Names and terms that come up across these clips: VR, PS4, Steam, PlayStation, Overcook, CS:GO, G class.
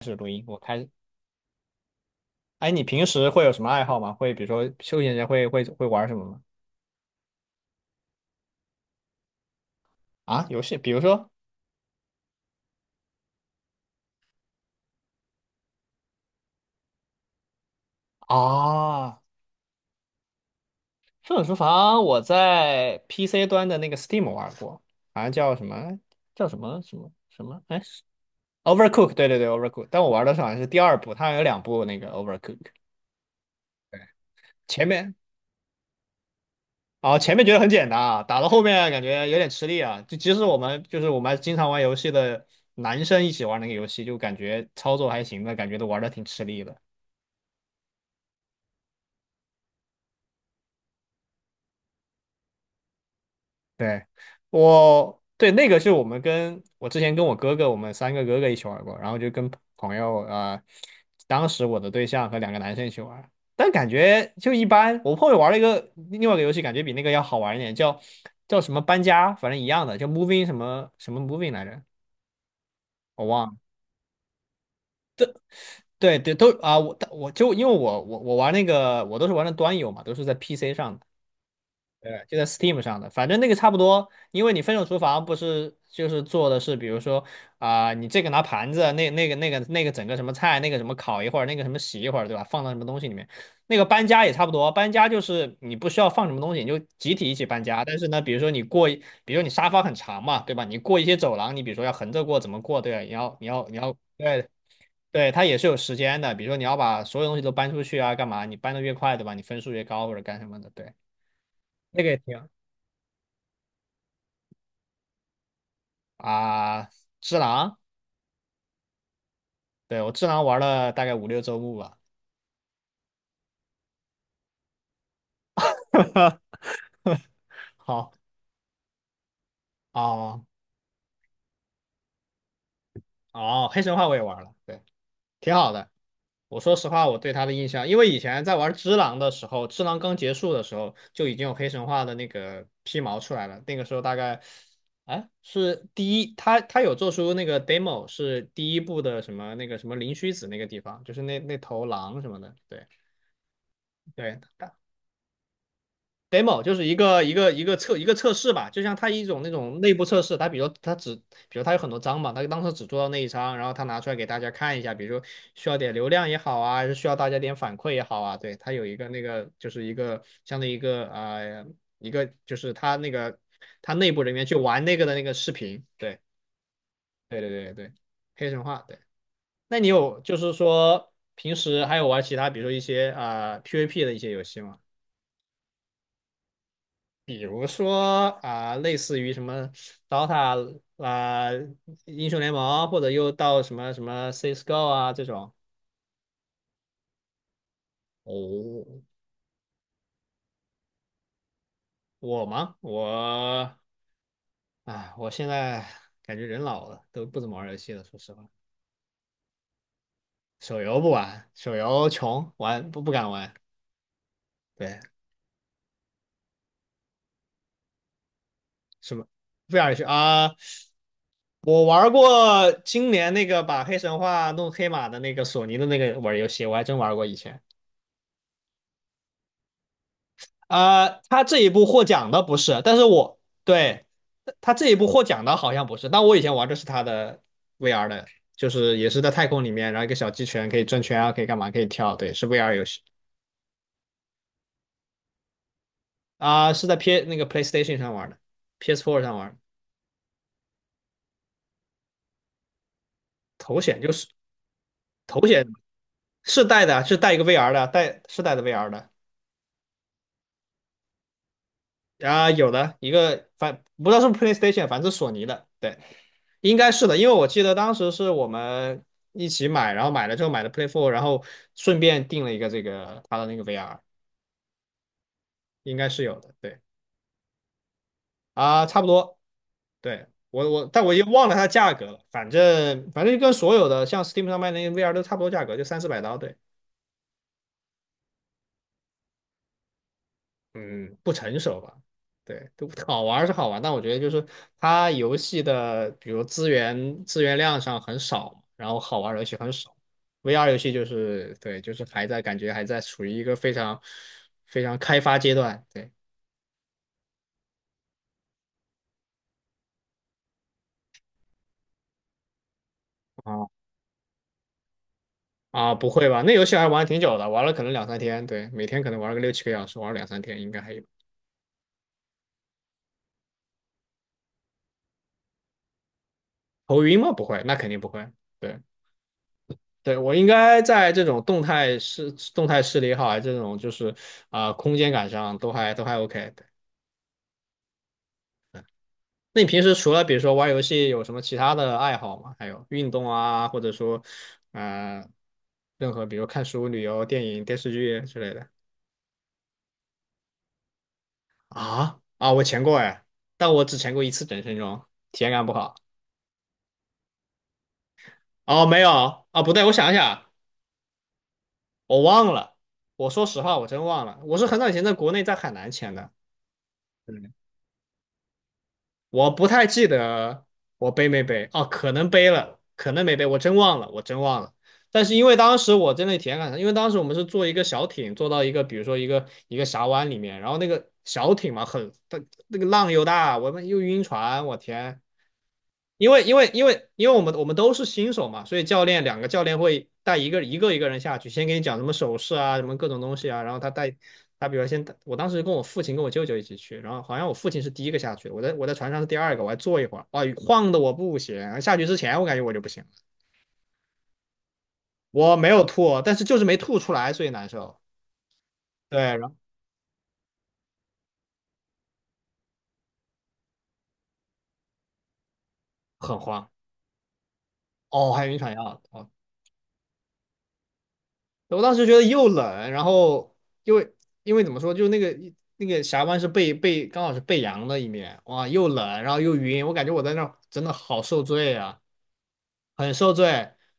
开始录音，我开始。哎，你平时会有什么爱好吗？会比如说休闲时间会玩什么吗？啊，游戏，比如说啊，《愤怒厨房》，我在 PC 端的那个 Steam 玩过，好像叫什么叫什么？哎，Overcook,对，Overcook。但我玩的是好像是第二部，它好像有两部那个 Overcook。前面啊，前面觉得很简单啊，打到后面感觉有点吃力啊。就即使我们我们经常玩游戏的男生一起玩那个游戏，就感觉操作还行的，感觉都玩的挺吃力的。对，我对那个是我们跟我之前跟我哥哥，我们三个哥哥一起玩过，然后就跟朋友啊、当时我的对象和两个男生一起玩，但感觉就一般。我后面玩了一个另外一个游戏，感觉比那个要好玩一点，叫叫什么搬家，反正一样的，叫 moving 什么什么 moving 来着，我忘了。对对，都啊、我就因为我玩那个，我都是玩的端游嘛，都是在 PC 上的。对，就在 Steam 上的，反正那个差不多，因为你分手厨房不是就是做的是，比如说啊、你这个拿盘子，那个整个什么菜，那个什么烤一会儿，那个什么洗一会儿，对吧？放到什么东西里面，那个搬家也差不多，搬家就是你不需要放什么东西，你就集体一起搬家。但是呢，比如说你过一比如说你沙发很长嘛，对吧？你过一些走廊，你比如说要横着过，怎么过，对吧？你要对。对，它也是有时间的，比如说你要把所有东西都搬出去啊，干嘛？你搬的越快，对吧？你分数越高或者干什么的，对，那个也挺啊，只狼，对，我只狼玩了大概5、6周目吧。好，哦哦，黑神话我也玩了，对，挺好的。我说实话，我对他的印象，因为以前在玩只狼的时候，只狼刚结束的时候就已经有黑神话的那个皮毛出来了。那个时候大概，哎，是第一，他有做出那个 demo,是第一部的什么那个什么灵虚子那个地方，就是那那头狼什么的，对对。demo 就是一个测试吧，就像它一种那种内部测试，它比如它只，比如它有很多章嘛，它当时只做到那一章，然后它拿出来给大家看一下，比如说需要点流量也好啊，还是需要大家点反馈也好啊，对，它有一个那个就是一个相当于一个啊、一个就是它那个它内部人员去玩那个的那个视频，对对，黑神话，对，那你有就是说平时还有玩其他，比如说一些啊、PVP 的一些游戏吗？比如说啊、类似于什么 Dota 啊、英雄联盟，或者又到什么什么 CS:GO 啊这种。哦，我吗？我，哎，我现在感觉人老了，都不怎么玩游戏了。说实话，手游不玩，手游穷，玩不敢玩。对，什么不想去啊？我玩过今年那个把黑神话弄黑马的那个索尼的那个玩游戏，我还真玩过以前。啊、他这一部获奖的不是，但是我对他这一部获奖的好像不是，但我以前玩的是他的 VR 的，就是也是在太空里面，然后一个小鸡人可以转圈啊，可以干嘛，可以跳，对，是 VR 游戏啊、是在 P 那个 PlayStation 上玩的，PS4 上玩的，头显就是头显是带的啊，是带一个 VR 的啊，带是带的 VR 的，啊，有的一个反不知道是不是 PlayStation,反正是索尼的，对，应该是的，因为我记得当时是我们一起买，然后买了之后买的 Play 4,然后顺便订了一个这个它的那个 VR,应该是有的，对啊，差不多，对我但我也忘了它价格了，反正反正就跟所有的像 Steam 上卖的那个 VR 都差不多价格，就3、400刀，对。嗯，不成熟吧？对，都好玩儿是好玩，但我觉得就是它游戏的，比如资源量上很少嘛然后好玩儿的游戏很少。VR 游戏就是对，就是还在感觉还在处于一个非常非常开发阶段。对啊啊，不会吧？那游戏还玩挺久的，玩了可能两三天，对，每天可能玩了个6、7个小时，玩了两三天应该还有。头晕吗？不会，那肯定不会。对。对，我应该在这种动态视力也好啊，还这种就是啊、空间感上都还 OK。对，那你平时除了比如说玩游戏，有什么其他的爱好吗？还有运动啊，或者说呃，任何比如看书、旅游、电影、电视剧之类的啊啊，我潜过哎，但我只潜过一次整身装，体验感不好。哦，没有啊，不对，我想一想，我忘了。我说实话，我真忘了，我是很早以前在国内在海南潜的。我不太记得我背没背哦，可能背了，可能没背，我真忘了，我真忘了。但是因为当时我真的体验感因为当时我们是坐一个小艇，坐到一个比如说一个峡湾里面，然后那个小艇嘛很，它那个浪又大，我们又晕船，我天，因为我们都是新手嘛，所以教练两个教练会带一个人下去，先给你讲什么手势啊，什么各种东西啊，然后他带他比如先我当时跟我父亲跟我舅舅一起去，然后好像我父亲是第一个下去我在船上是第二个，我还坐一会儿，啊，晃的我不行，下去之前我感觉我就不行了我没有吐，但是就是没吐出来，所以难受，对，然后很慌，哦，还有晕船药，哦，我当时觉得又冷，然后因为因为怎么说，就那个那个峡湾是背刚好是背阳的一面，哇，又冷，然后又晕，我感觉我在那儿真的好受罪啊。很受罪。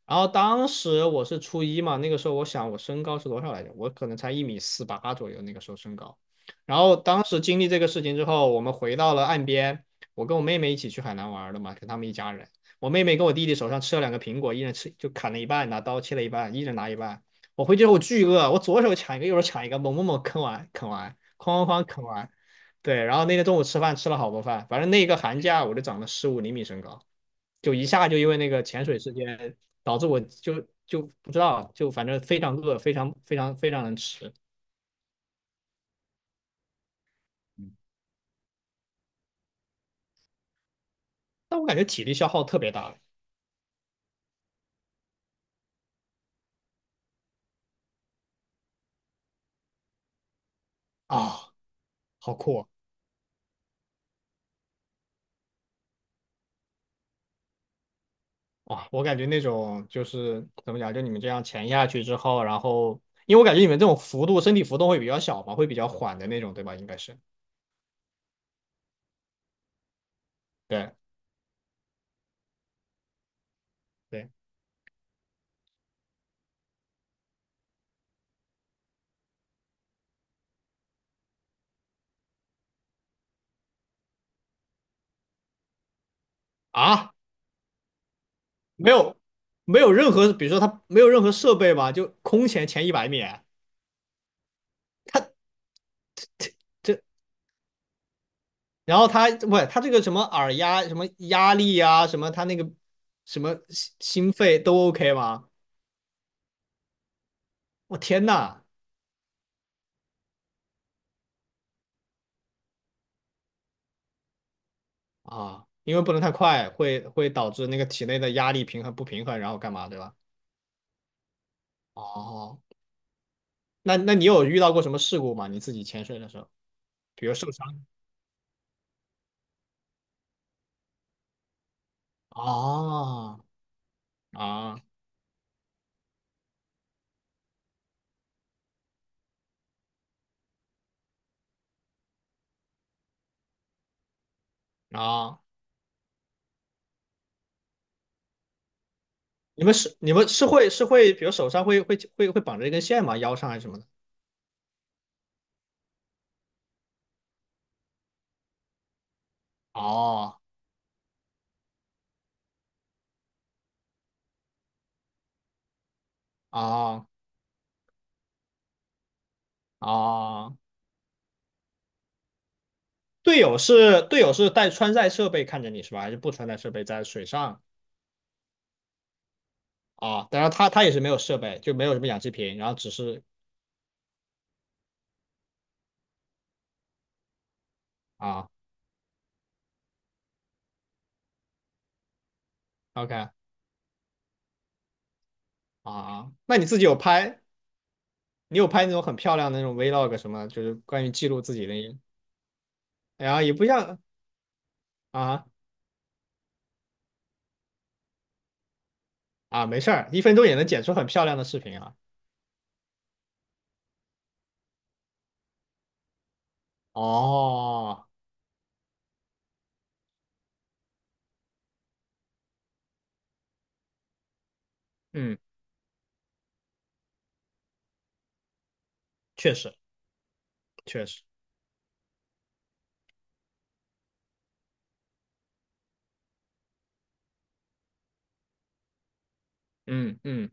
然后当时我是初一嘛，那个时候我想我身高是多少来着？我可能才1米48左右，那个时候身高。然后当时经历这个事情之后，我们回到了岸边，我跟我妹妹一起去海南玩的嘛，跟他们一家人。我妹妹跟我弟弟手上吃了两个苹果，一人吃就砍了一半，拿刀切了一半，一人拿一半。我回去之后我巨饿，我左手抢一个，右手抢一个，猛猛猛啃完，哐哐哐啃完，对，然后那天中午吃饭吃了好多饭，反正那一个寒假我就长了15厘米身高，就一下就因为那个潜水事件导致我就不知道，就反正非常饿，非常能吃，嗯但我感觉体力消耗特别大啊，好酷啊！哇我感觉那种就是怎么讲，就你们这样潜下去之后，然后因为我感觉你们这种幅度身体浮动会比较小嘛，会比较缓的那种，对吧？应该是对对啊。没有没有任何，比如说它没有任何设备吧，就空前100米，这然后它不，它这个什么耳压、什么压力啊，什么它那个什么心肺都 OK 吗？我天呐啊，因为不能太快，会导致那个体内的压力平衡不平衡，然后干嘛，对吧？哦，那那你有遇到过什么事故吗？你自己潜水的时候，比如受伤？哦啊啊！你们是你们是，比如手上会绑着一根线吗？腰上还是什么的？哦哦哦队友是队友是带穿戴设备看着你是吧？还是不穿戴设备在水上啊？当然他他也是没有设备，就没有什么氧气瓶，然后只是啊，OK 啊，那你自己有拍？你有拍那种很漂亮的那种 vlog 什么？就是关于记录自己的，然后也不像啊啊，没事儿，一分钟也能剪出很漂亮的视频啊。哦，嗯，确实确实。嗯嗯，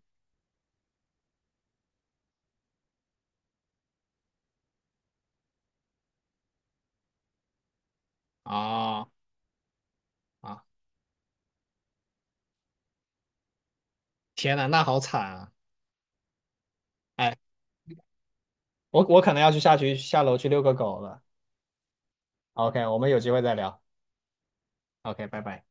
哦啊，天呐，那好惨啊！哎，我可能要去下去下楼去遛个狗了。OK,我们有机会再聊。OK,拜拜。